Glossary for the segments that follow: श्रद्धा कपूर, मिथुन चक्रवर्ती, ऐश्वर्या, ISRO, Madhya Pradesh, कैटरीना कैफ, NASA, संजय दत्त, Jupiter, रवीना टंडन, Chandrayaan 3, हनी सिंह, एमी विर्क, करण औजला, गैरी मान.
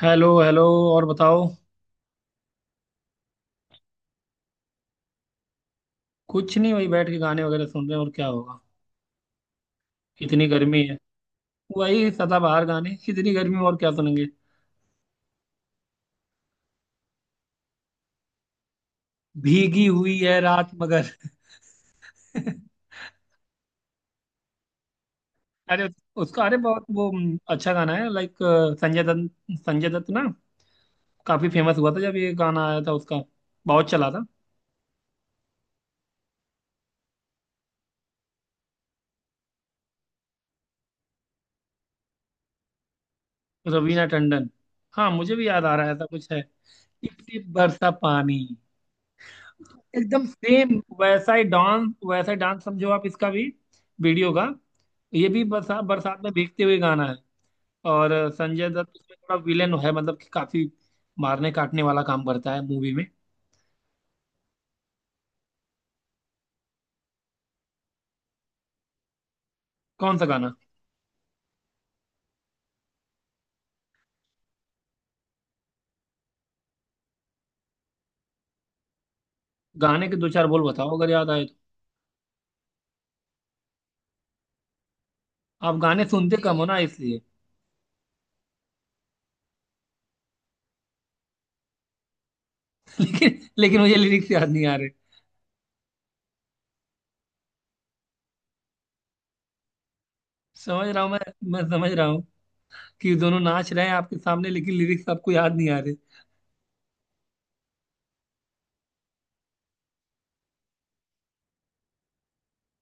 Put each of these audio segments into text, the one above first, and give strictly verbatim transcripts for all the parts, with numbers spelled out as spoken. Hello hello. और बताओ। कुछ नहीं, वही बैठ के गाने वगैरह सुन रहे हैं, और क्या होगा। इतनी गर्मी है। वही सदाबहार गाने, इतनी गर्मी में और क्या सुनेंगे। भीगी हुई है रात मगर। अरे उसका, अरे बहुत वो हम्म, अच्छा गाना है। लाइक संजय दत्त, संजय दत्त ना। काफी फेमस हुआ था जब ये गाना आया था उसका। बहुत चला था। रवीना टंडन। हाँ, मुझे भी याद आ रहा है, ऐसा कुछ है। टिप टिप बरसा पानी। एकदम सेम। वैसा ही डांस, वैसा ही डांस, समझो आप इसका भी। वीडियो का। ये भी बरसात बरसात में भीगते हुए गाना है। और संजय दत्त इसमें थोड़ा विलेन है, मतलब कि काफी मारने काटने वाला काम करता है मूवी में। कौन सा गाना। गाने के दो चार बोल बताओ अगर याद आए तो। आप गाने सुनते कम हो ना, इसलिए। लेकिन लेकिन मुझे लिरिक्स याद नहीं आ रहे। समझ रहा हूँ मैं मैं समझ रहा हूँ कि दोनों नाच रहे हैं आपके सामने, लेकिन लिरिक्स आपको याद नहीं आ रहे।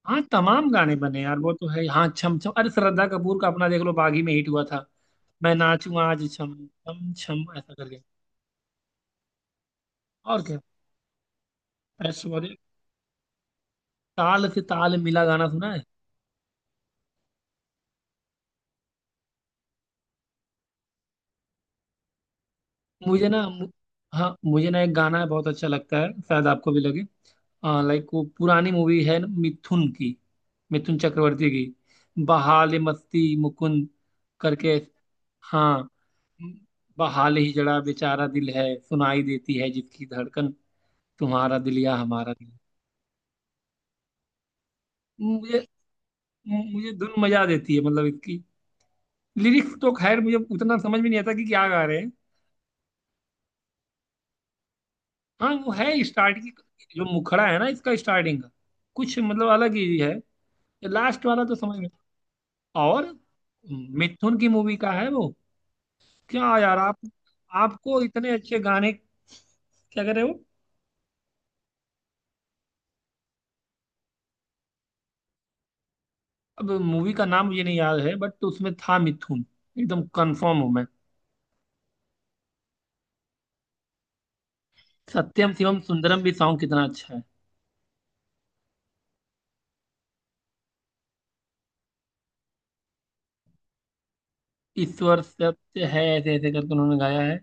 हाँ तमाम गाने बने यार, वो तो है। हाँ छम छम, अरे श्रद्धा कपूर का अपना देख लो, बागी में हिट हुआ था। मैं नाचूं आज छम छम छम ऐसा करके। और क्या। ऐश्वर्या। ताल से ताल मिला गाना सुना है। मुझे ना मु- हाँ मुझे ना, एक गाना बहुत अच्छा लगता है, शायद आपको भी लगे। लाइक वो पुरानी मूवी है ना, मिथुन की। मिथुन चक्रवर्ती की बहाल मस्ती मुकुंद करके। हाँ। बहाल ही जड़ा बेचारा दिल है, सुनाई देती है जिसकी धड़कन, तुम्हारा दिल या हमारा दिल। मुझे मुझे धुन मजा देती है मतलब इसकी। लिरिक्स तो खैर मुझे उतना समझ में नहीं आता कि क्या गा रहे हैं। हाँ वो है स्टार्ट की, जो मुखड़ा है ना इसका स्टार्टिंग का, कुछ मतलब अलग ही है। लास्ट वाला तो समझ में। और मिथुन की मूवी का है वो। क्या यार आप, आपको इतने अच्छे गाने, क्या कह रहे हो। अब मूवी का नाम मुझे नहीं याद है, बट उसमें था मिथुन। एकदम कंफर्म हूं मैं। सत्यम शिवम सुंदरम भी सॉन्ग कितना अच्छा है। ईश्वर सत्य है, ऐसे ऐसे करके उन्होंने गाया है।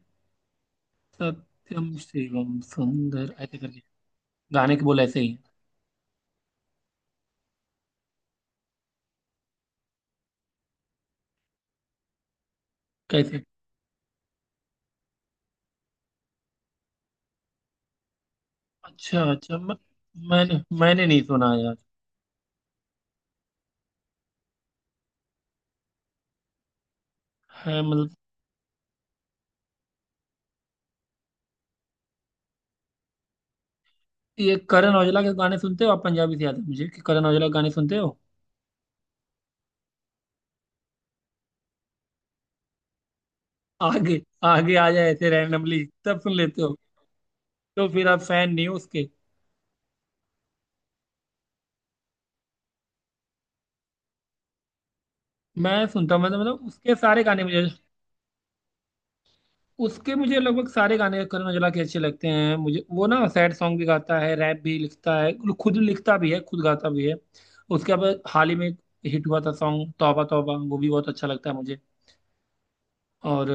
सत्यम शिवम सुंदर ऐसे करके। गाने के बोल ऐसे ही हैं। कैसे। अच्छा अच्छा मैं, मैंने मैंने नहीं सुना यार। है मतलब। ये करण औजला के गाने सुनते हो आप? पंजाबी से याद है मुझे कि करण औजला के गाने सुनते हो। आगे, आगे आ जाए ऐसे रैंडमली, तब सुन लेते हो? तो फिर आप फैन नहीं हो उसके। मैं सुनता हूँ, मतलब मतलब उसके सारे गाने मुझे। उसके, मुझे लगभग सारे गाने करण औजला के अच्छे लगते हैं, मुझे वो ना सैड सॉन्ग भी गाता है, रैप भी लिखता है, खुद लिखता भी है खुद गाता भी है। उसके बाद हाल ही में हिट हुआ था सॉन्ग तौबा तौबा, वो भी बहुत अच्छा लगता है मुझे। और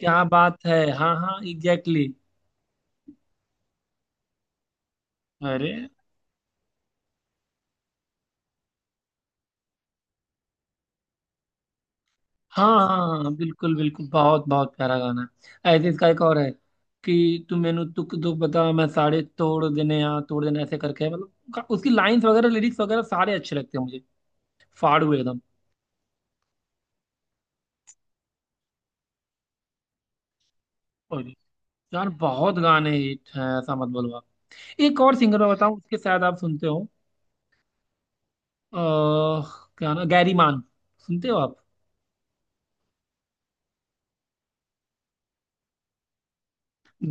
क्या बात है, हाँ हाँ एग्जैक्टली। अरे। हाँ हाँ हाँ, बिल्कुल बिल्कुल, बहुत बहुत प्यारा गाना है। ऐसे इसका एक और है कि तू मैनू तुक दुख बता, मैं साड़े तोड़ देने, यहाँ तोड़ देने, ऐसे करके है। मतलब उसकी लाइंस वगैरह, लिरिक्स वगैरह सारे अच्छे लगते हैं मुझे। फाड़ हुए एकदम। यार बहुत गाने हिट हैं, ऐसा मत बोलो आप। एक और सिंगर मैं बताऊं, उसके शायद आप सुनते हो। अह क्या ना, गैरी मान सुनते हो आप?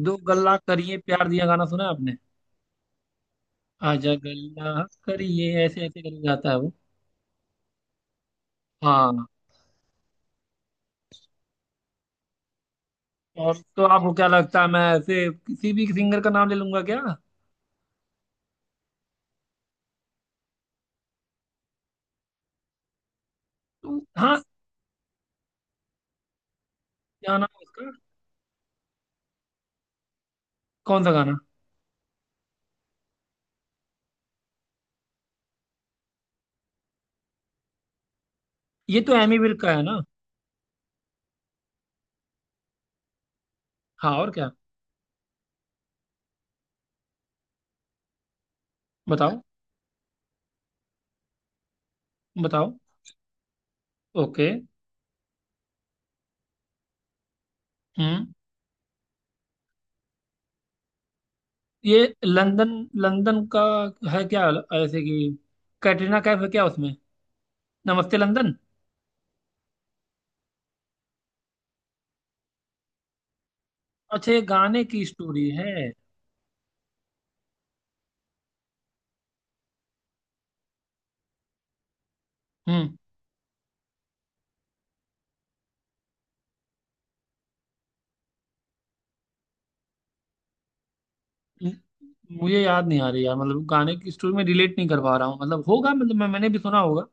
दो गल्ला करिए प्यार दिया, गाना सुना है आपने? आजा गल्ला करिए ऐसे ऐसे करके गाता है वो। हाँ। और तो आपको क्या लगता है, मैं ऐसे किसी भी सिंगर का नाम ले लूंगा क्या। तो, हाँ क्या नाम है उसका, कौन सा गाना। ये तो एमी विर्क का है ना। हाँ और क्या। बताओ बताओ। ओके। हम्म। ये लंदन, लंदन का है क्या, ऐसे कि कैटरीना कैफ है क्या उसमें, नमस्ते लंदन। अच्छा ये गाने की स्टोरी है। हम्म। म- मुझे याद नहीं आ रही यार, मतलब गाने की स्टोरी में रिलेट नहीं कर पा रहा हूँ, मतलब होगा, मतलब मैं, मैंने भी सुना होगा।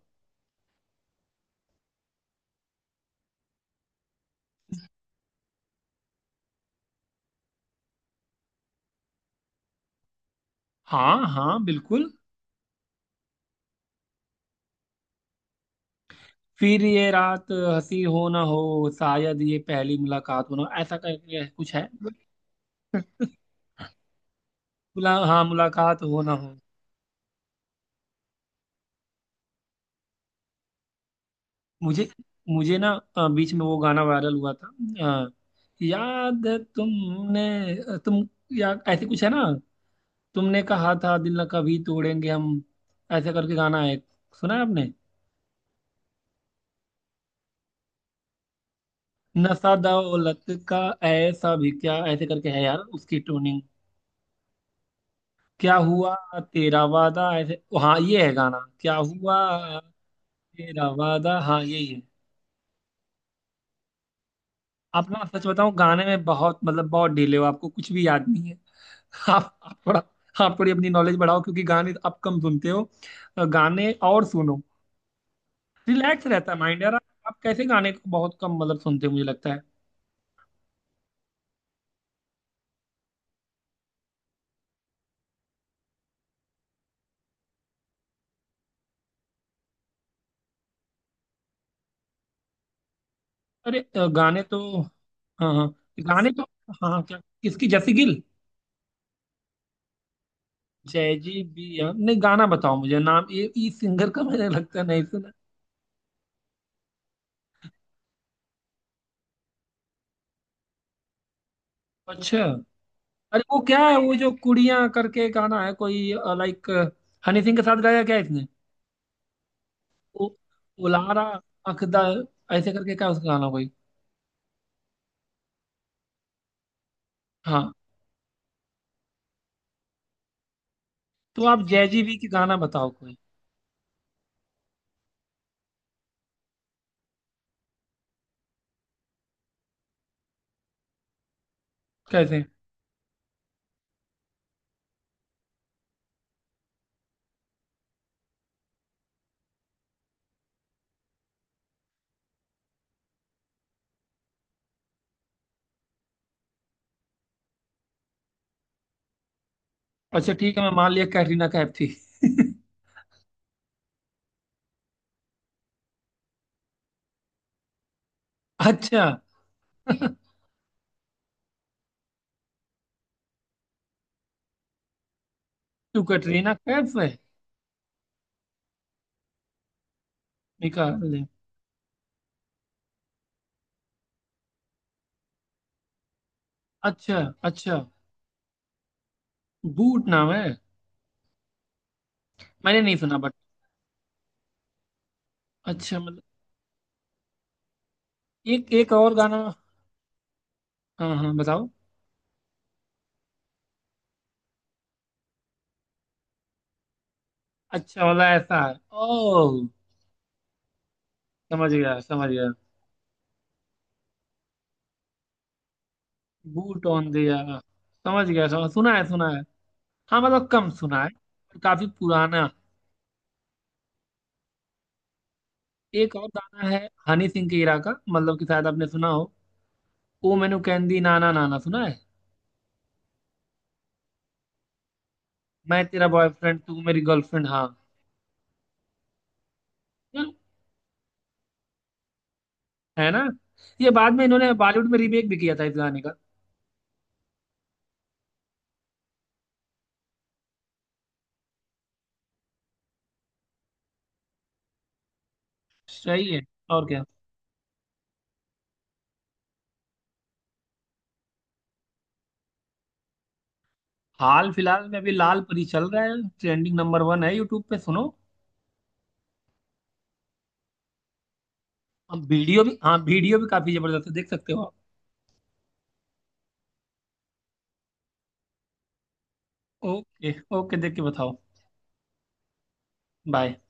हाँ हाँ बिल्कुल। फिर ये रात हंसी हो ना हो, शायद ये पहली मुलाकात हो ना हो, ऐसा करके कुछ है। मुला, हाँ मुलाकात हो ना हो। मुझे मुझे ना अ, बीच में वो गाना वायरल हुआ था। अ, याद है तुमने, तुम या ऐसे कुछ है ना। तुमने कहा था दिल न कभी तोड़ेंगे हम, ऐसे करके गाना है। सुना है आपने? नशा दौलत का, ऐसा भी क्या ऐसे करके है यार उसकी ट्यूनिंग। क्या हुआ तेरा वादा, ऐसे हाँ ये है गाना, क्या हुआ तेरा वादा, हाँ यही है। आप ना सच बताऊं, गाने में बहुत मतलब बहुत डिले हो, आपको कुछ भी याद नहीं है। आप आप थोड़ा आप थोड़ी अपनी नॉलेज बढ़ाओ, क्योंकि गाने आप कम सुनते हो। अ, गाने और सुनो, रिलैक्स रहता है माइंड यार। आप आप कैसे, गाने को बहुत कम मतलब सुनते हो, मुझे लगता है। अरे अ, गाने तो, हाँ हाँ गाने तो, हाँ क्या, किसकी जैसी गिल। जय जी भी हाँ। नहीं गाना बताओ मुझे, नाम ये इस सिंगर का मैंने लगता है नहीं सुना। अच्छा। अरे वो क्या है, वो जो कुड़ियाँ करके गाना है कोई, लाइक हनी सिंह के साथ गाया क्या इसने? ओ, उलारा अखदा ऐसे करके क्या उसका गाना कोई। हाँ तो आप जैजी बी की गाना बताओ कोई। कैसे। अच्छा ठीक है, मैं मान लिया कैटरीना कैफ थी। अच्छा, तू कैटरीना कैफ है। निकाल ले। अच्छा अच्छा। बूट नाम है। मैंने नहीं सुना बट, अच्छा मतलब। एक एक और गाना। हाँ हाँ बताओ। अच्छा वाला ऐसा है। ओह। समझ गया समझ गया। बूट ऑन दिया। समझ गया समझ सुना है सुना है, हाँ मतलब कम सुना है। काफी पुराना। एक और गाना है हनी सिंह के इरा का, मतलब कि शायद आपने सुना हो। ओ मैनू कहंदी नाना नाना सुना है। मैं तेरा बॉयफ्रेंड तू मेरी गर्लफ्रेंड हाँ। हम्म। है ना। ये बाद में इन्होंने बॉलीवुड में रीमेक भी किया था इस गाने का। सही है। और क्या। हाल फिलहाल में अभी लाल परी चल रहा है, ट्रेंडिंग नंबर वन है यूट्यूब पे, सुनो। अब वीडियो भी, हाँ वीडियो भी काफी जबरदस्त है, देख सकते हो आप। ओके ओके, देख के बताओ। बाय।